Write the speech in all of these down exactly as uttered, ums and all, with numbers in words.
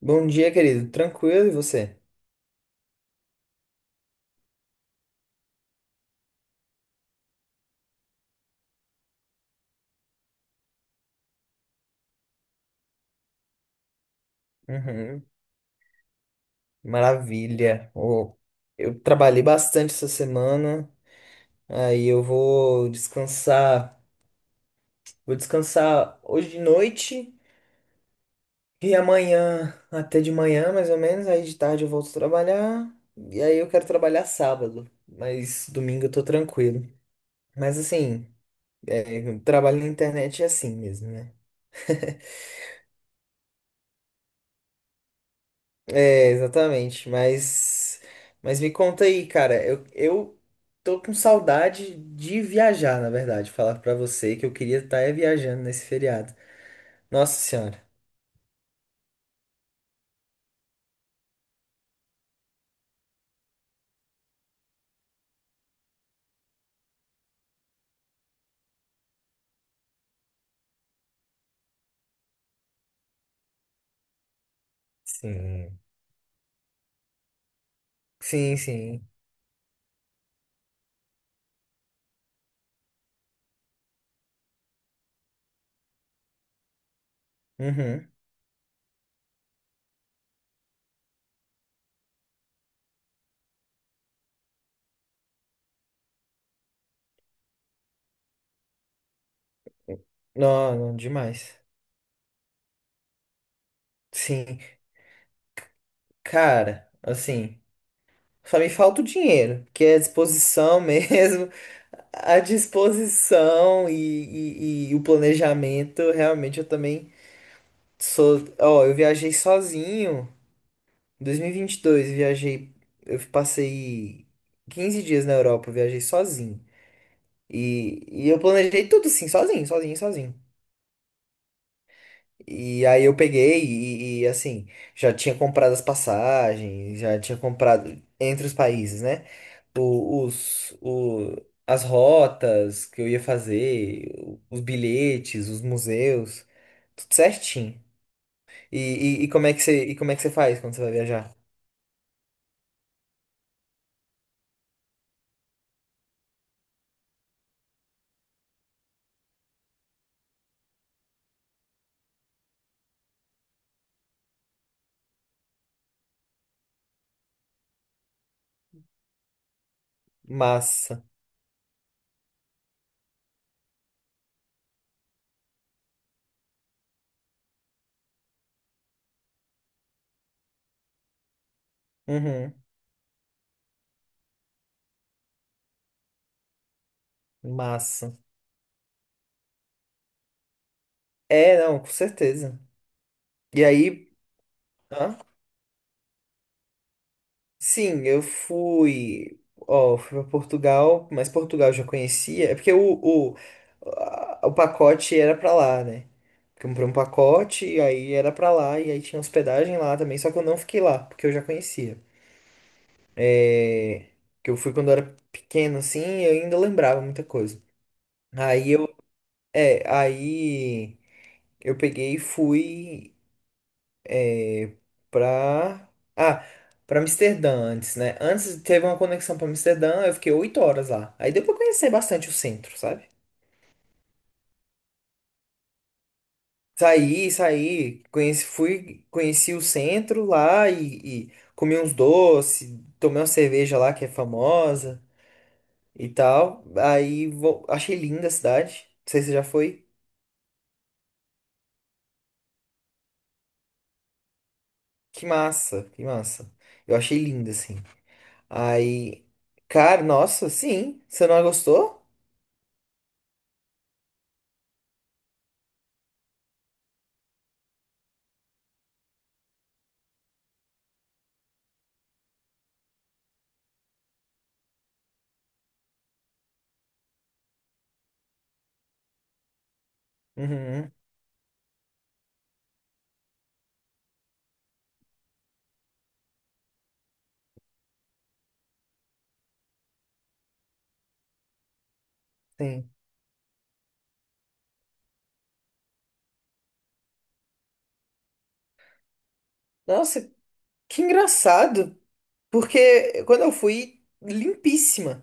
Bom dia, querido. Tranquilo, e você? Uhum, maravilha. Ô, eu trabalhei bastante essa semana, aí eu vou descansar. Vou descansar hoje de noite e amanhã até de manhã, mais ou menos. Aí de tarde eu volto trabalhar. E aí eu quero trabalhar sábado, mas domingo eu tô tranquilo. Mas assim, o trabalho na internet é assim mesmo, né? É, exatamente. Mas, mas me conta aí, cara. Eu, eu tô com saudade de viajar, na verdade. Falar pra você que eu queria estar viajando nesse feriado. Nossa Senhora. Sim. Sim, sim. Uhum. Não, não, demais. Sim. Cara, assim, só me falta o dinheiro, que é a disposição mesmo. A disposição e, e, e o planejamento, realmente eu também sou. Ó, eu viajei sozinho. Em dois mil e vinte e dois, viajei, eu passei quinze dias na Europa, eu viajei sozinho. E, e eu planejei tudo assim, sozinho, sozinho, sozinho. E aí eu peguei e, e, assim, já tinha comprado as passagens, já tinha comprado entre os países, né? O, os, o, as rotas que eu ia fazer, os bilhetes, os museus, tudo certinho. E, e, e como é que você, e como é que você faz quando você vai viajar? Massa. Uhum, massa. É, não, com certeza. E aí, hã? Sim, eu fui, ó, fui para Portugal, mas Portugal eu já conhecia, é porque o, o, a- o pacote era pra lá, né? Eu comprei um pacote, e aí era pra lá, e aí tinha hospedagem lá também, só que eu não fiquei lá, porque eu já conhecia. É, que eu fui quando eu era pequeno, assim, e eu ainda lembrava muita coisa. Aí eu, é, aí eu peguei e fui. Pra. Ah, pra Amsterdã antes, né? Antes teve uma conexão pra Amsterdã, eu fiquei oito horas lá. Aí deu pra conhecer bastante o centro, sabe? Saí, saí, conheci, fui, conheci o centro lá e, e comi uns doces, tomei uma cerveja lá que é famosa e tal. Aí vo- achei linda a cidade. Não sei se você já foi. Que massa, que massa. Eu achei linda, assim. Aí, cara, nossa, sim. Você não gostou? Uhum, sim. Nossa, que engraçado, porque quando eu fui, limpíssima.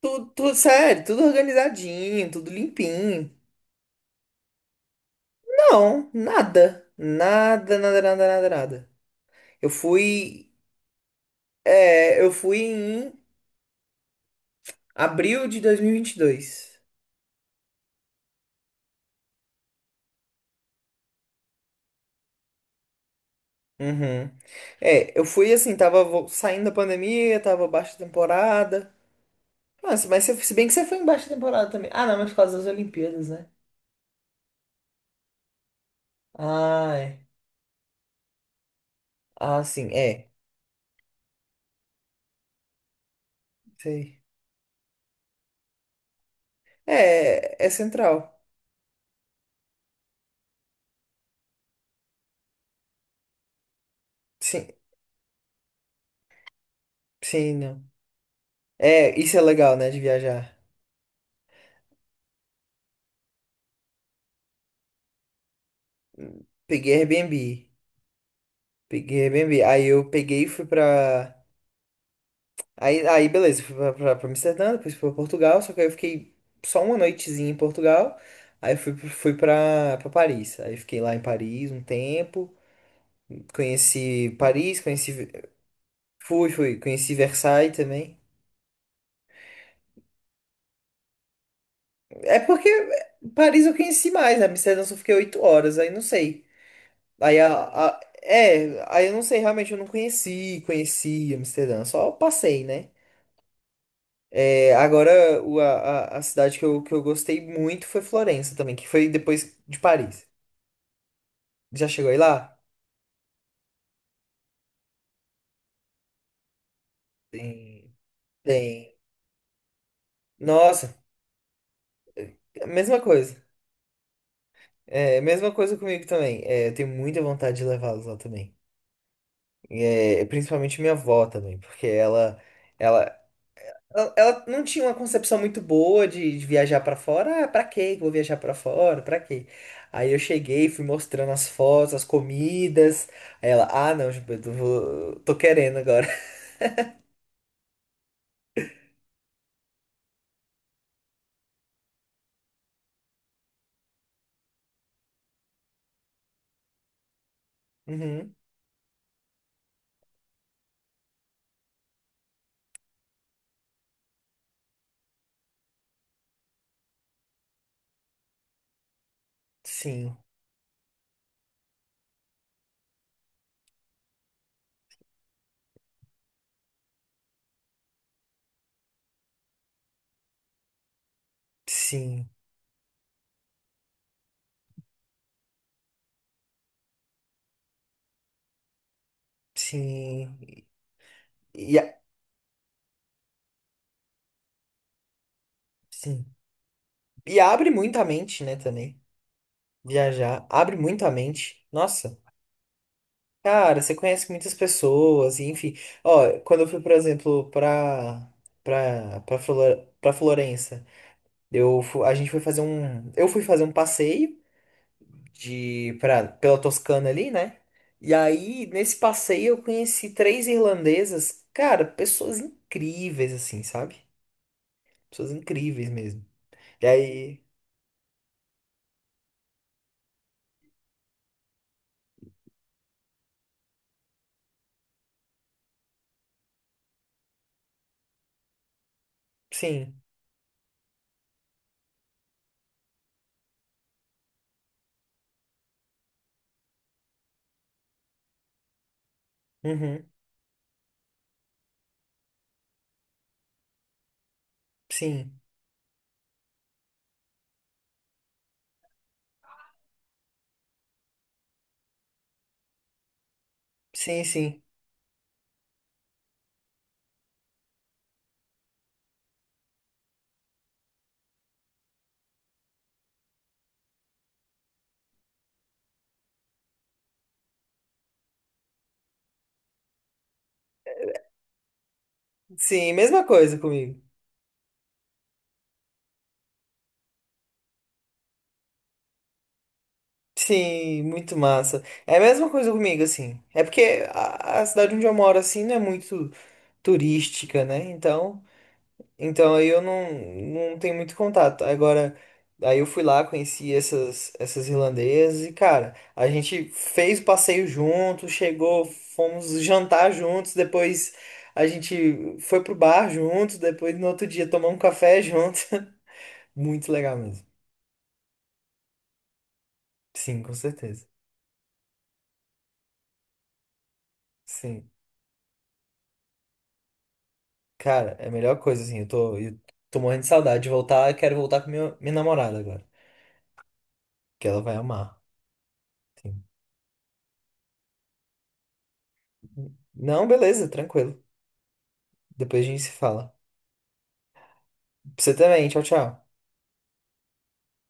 Tudo, tudo sério, tudo organizadinho, tudo limpinho. Não, nada. Nada, nada, nada, nada, nada. Eu fui, é, eu fui em abril de dois mil e vinte e dois. Uhum. É, eu fui assim, tava vo- saindo da pandemia, tava baixa temporada. Nossa, mas se, se bem que você foi em baixa temporada também. Ah, não, mas por causa das Olimpíadas, né? Ah, é. Ah, sim, é. Sei. É, é central. Sim, sim, não. É, isso é legal, né, de viajar. Peguei Airbnb. Peguei Airbnb. Aí eu peguei e fui pra. Aí, aí beleza, fui pra, pra, pra Amsterdã, depois fui pra Portugal, só que aí eu fiquei só uma noitezinha em Portugal. Aí fui, fui pra, pra Paris. Aí fiquei lá em Paris um tempo. Conheci Paris, conheci. Fui, fui, conheci Versailles também. É porque Paris eu conheci mais, né? Amsterdã eu só fiquei oito horas, aí não sei. Aí a, a- É, aí eu não sei, realmente eu não conheci, conheci Amsterdã, só passei, né? É, agora o- a, a a cidade que eu, que eu gostei muito foi Florença também, que foi depois de Paris. Já chegou aí lá? Tem. Tem. Nossa, mesma coisa. É, mesma coisa comigo também. É, eu tenho muita vontade de levá-los lá também. É, principalmente minha avó também, porque ela, ela, Ela, ela não tinha uma concepção muito boa de, de viajar pra fora. Ah, pra quê que eu vou viajar pra fora? Pra quê? Aí eu cheguei, fui mostrando as fotos, as comidas. Aí ela, ah, não, Gilberto, eu vou- tô querendo agora. Uhum, sim, sim, sim. E, a- sim. E abre muito a mente, né, também. Viajar abre muito a mente. Nossa, cara, você conhece muitas pessoas, e enfim. Ó, quando eu fui, por exemplo, pra, pra, pra, Flor pra Florença. Eu, fu- a gente foi fazer um, eu fui fazer um passeio de pra, pela Toscana ali, né? E aí, nesse passeio, eu conheci três irlandesas, cara, pessoas incríveis, assim, sabe? Pessoas incríveis mesmo. E aí, sim, uhum, sim, sim, sim, sim, mesma coisa comigo. Sim, muito massa. É a mesma coisa comigo, assim. É porque a, a cidade onde eu moro, assim, não é muito turística, né? Então. Então aí eu não, não tenho muito contato. Agora, aí eu fui lá, conheci essas, essas irlandesas e, cara, a gente fez o passeio junto, chegou, fomos jantar juntos, depois a gente foi pro bar juntos, depois no outro dia tomamos um café junto. Muito legal mesmo. Sim, com certeza. Sim. Cara, é a melhor coisa, assim, eu tô, eu tô morrendo de saudade de voltar, eu quero voltar com minha, minha namorada agora, que ela vai amar. Sim. Não, beleza, tranquilo. Depois a gente se fala. Pra você também. Tchau, tchau.